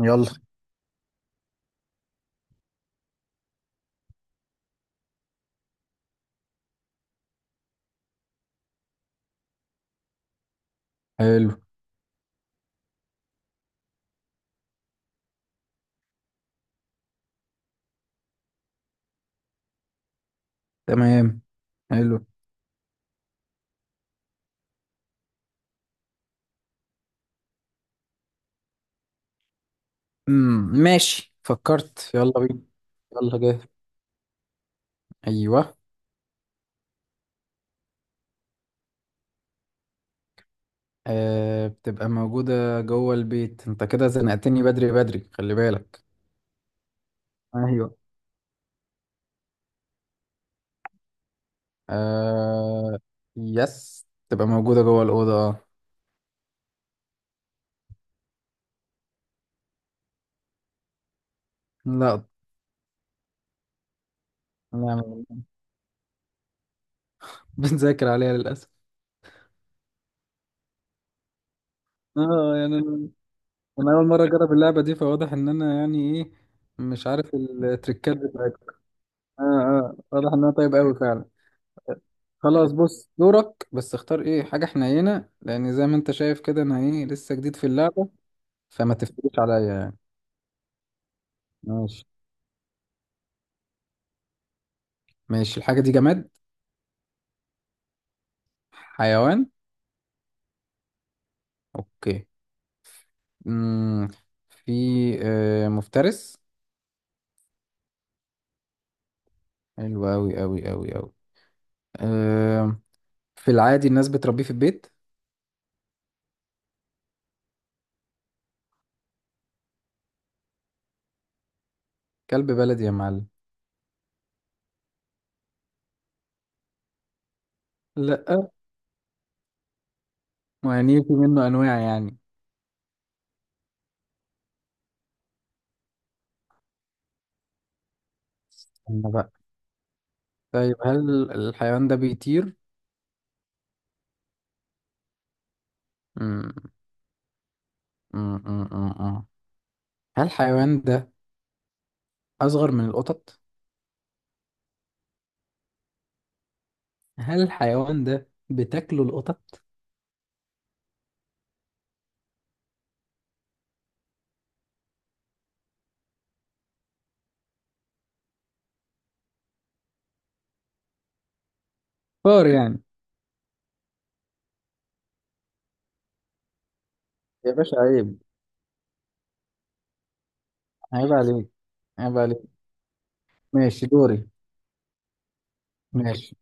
يلا. حلو. تمام. حلو. ماشي، فكرت. يلا بينا. يلا جاي. ايوه. بتبقى موجودة جوه البيت. انت كده زنقتني بدري بدري، خلي بالك. ايوه. آه يس تبقى موجودة جوه الأوضة، اه. لا. يعني بنذاكر عليها للأسف. اه يعني أنا اول مرة اجرب اللعبة دي، فواضح ان انا يعني ايه. مش عارف التريكات بتاعتها. اه، اه، واضح انها طيب قوي فعلا. خلاص بص دورك، بس اختار ايه حاجة حنينة، لأن زي ما انت شايف كده انا ايه لسه جديد في اللعبة، فما تفتكرش عليا يعني. ماشي. ماشي، الحاجة دي جماد؟ حيوان؟ اوكي. مم. في مفترس؟ حلو اوي اوي اوي اوي. آه في العادي الناس بتربيه في البيت؟ كلب بلدي يا معلم؟ لأ. ما يعني في منه أنواع يعني. استنى بقى. طيب هل الحيوان ده بيطير؟ مم. مم. مم. مم. مم. هل الحيوان ده أصغر من القطط؟ هل الحيوان ده بتاكله القطط؟ فار يعني. يا باشا عيب. عيب عليك. عيب عليك. ماشي دوري. ماشي،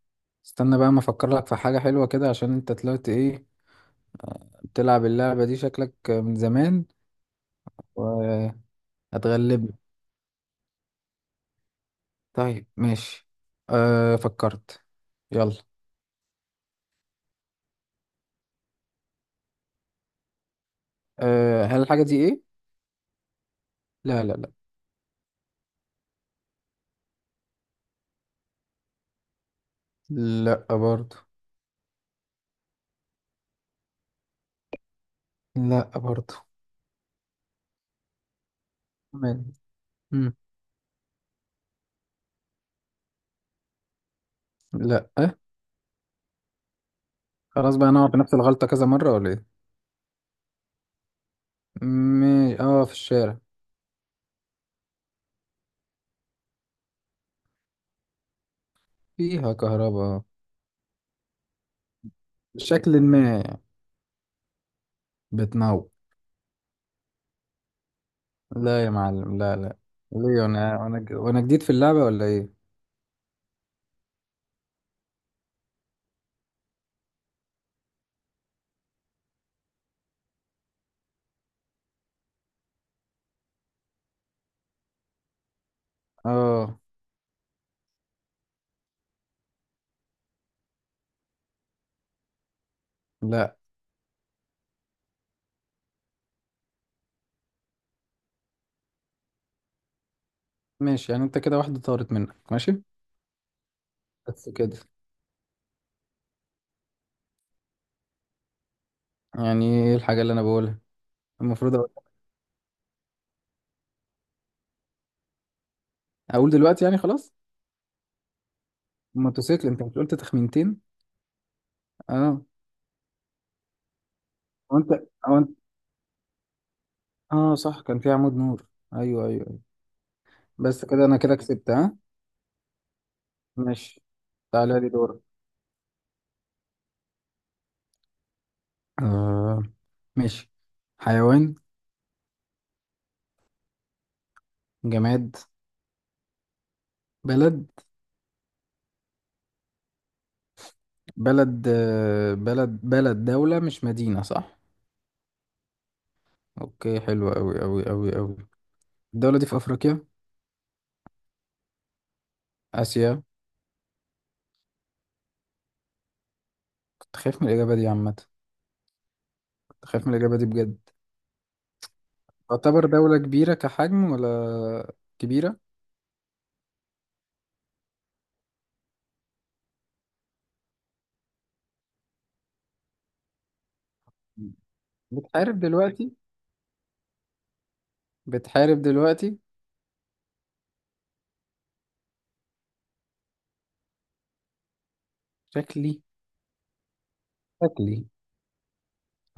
استنى بقى ما أفكر لك في حاجة حلوة كده، عشان أنت طلعت إيه، بتلعب اللعبة دي شكلك من زمان وهتغلبني. طيب ماشي. أه، فكرت. يلا. هل الحاجة دي إيه؟ لا لا لا. لا برضو. لا برضو. تمام. مم. لا. خلاص بقى أنا أقعد بنفس الغلطة كذا مرة ولا إيه؟ اه، في الشارع. فيها كهرباء، آه. بشكل ما يعني، بتنور. لا يا معلم، لا لا. ليه وانا جديد في اللعبة ولا ايه؟ اه، لا. ماشي، يعني انت كده واحدة طارت منك، ماشي. بس كده. يعني ايه الحاجة اللي انا بقولها؟ المفروض اقول. أقول دلوقتي يعني، خلاص. موتوسيكل. انت مش قلت تخمينتين؟ اه. وانت او انت. اه صح، كان في عمود نور، ايوه ايوه أيوة. بس كده انا كده كسبت، ها؟ ماشي، تعالى لي دورك. آه ماشي. حيوان؟ جماد؟ بلد؟ بلد، بلد، بلد، دولة مش مدينة، صح؟ اوكي، حلوة اوي اوي اوي اوي. الدولة دي في افريقيا؟ اسيا؟ كنت خايف من الاجابة دي عامة. كنت خايف من الاجابة دي بجد. تعتبر دولة كبيرة كحجم ولا كبيرة؟ بتحارب دلوقتي؟ بتحارب دلوقتي؟ شكلي. شكلي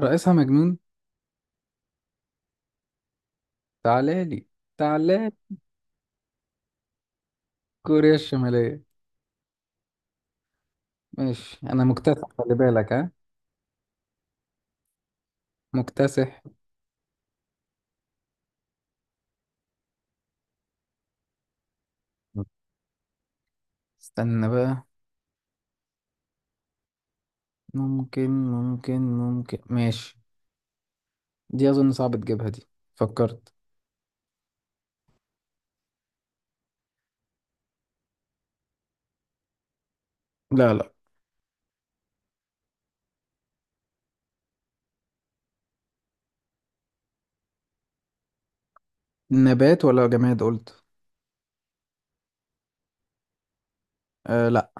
رئيسها مجنون. تعالالي. تعالالي. كوريا الشمالية. ماشي، انا مكتسح، خلي بالك، ها. مكتسح. استنى بقى. ممكن، ممكن، ممكن، ماشي. دي أظن صعب تجيبها دي. فكرت. لا لا. نبات ولا جماد قلت؟ آه، لا.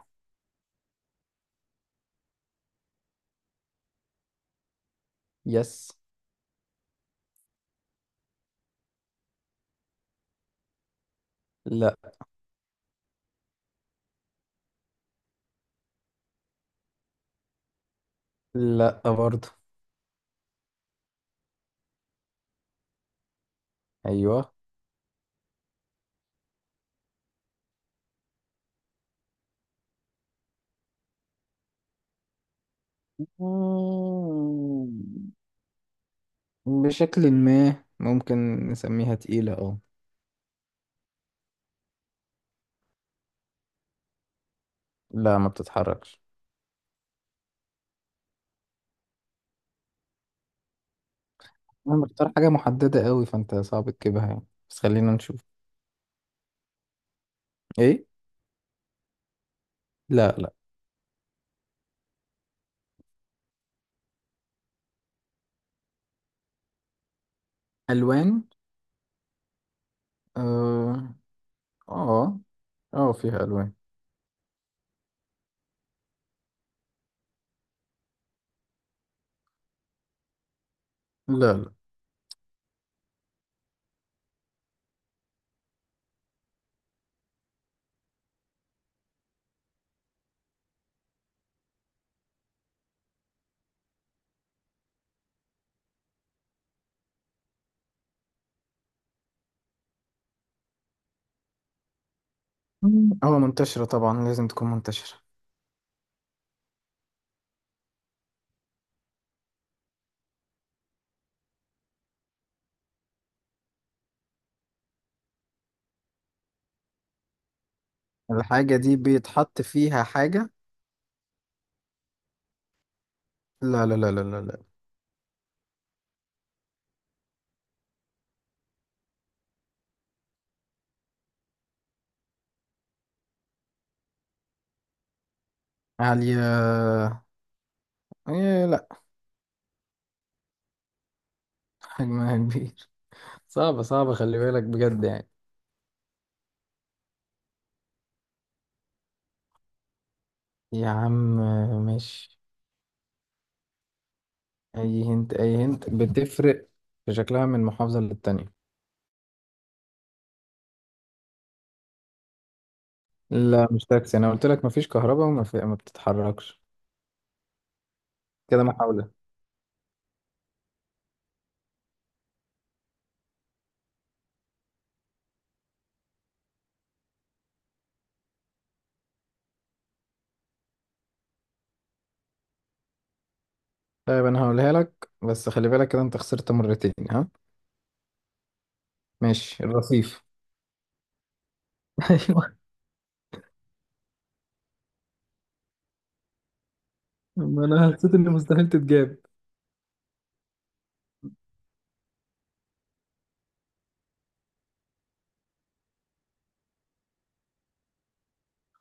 يس. لا لا برضه. أيوه. مم. بشكل ما ممكن نسميها تقيلة، اه. لا، ما بتتحركش. أنا بختار حاجة محددة قوي، فأنت صعب تجيبها يعني، بس خلينا نشوف. إيه؟ لا لا. ألوان. آه. آه. آه، فيها ألوان. لا لا. مم. اه، منتشرة طبعا، لازم تكون منتشرة. الحاجة دي بيتحط فيها حاجة؟ لا لا لا لا لا لا. عالية؟ إيه، لا. حجمها كبير. صعبة صعبة، خلي بالك بجد يعني. يا عم. ماشي. أي هنت. أي هنت بتفرق في شكلها من محافظة للتانية. لا مش تاكسي، أنا قلت لك مفيش كهرباء ما بتتحركش. كده محاولة. طيب أنا هقولها لك، بس خلي بالك كده أنت خسرت مرتين، ها. ماشي، الرصيف. ايوه. ما انا حسيت ان مستحيل تتجاب.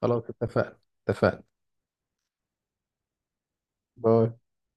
خلاص اتفقنا. اتفقنا. باي.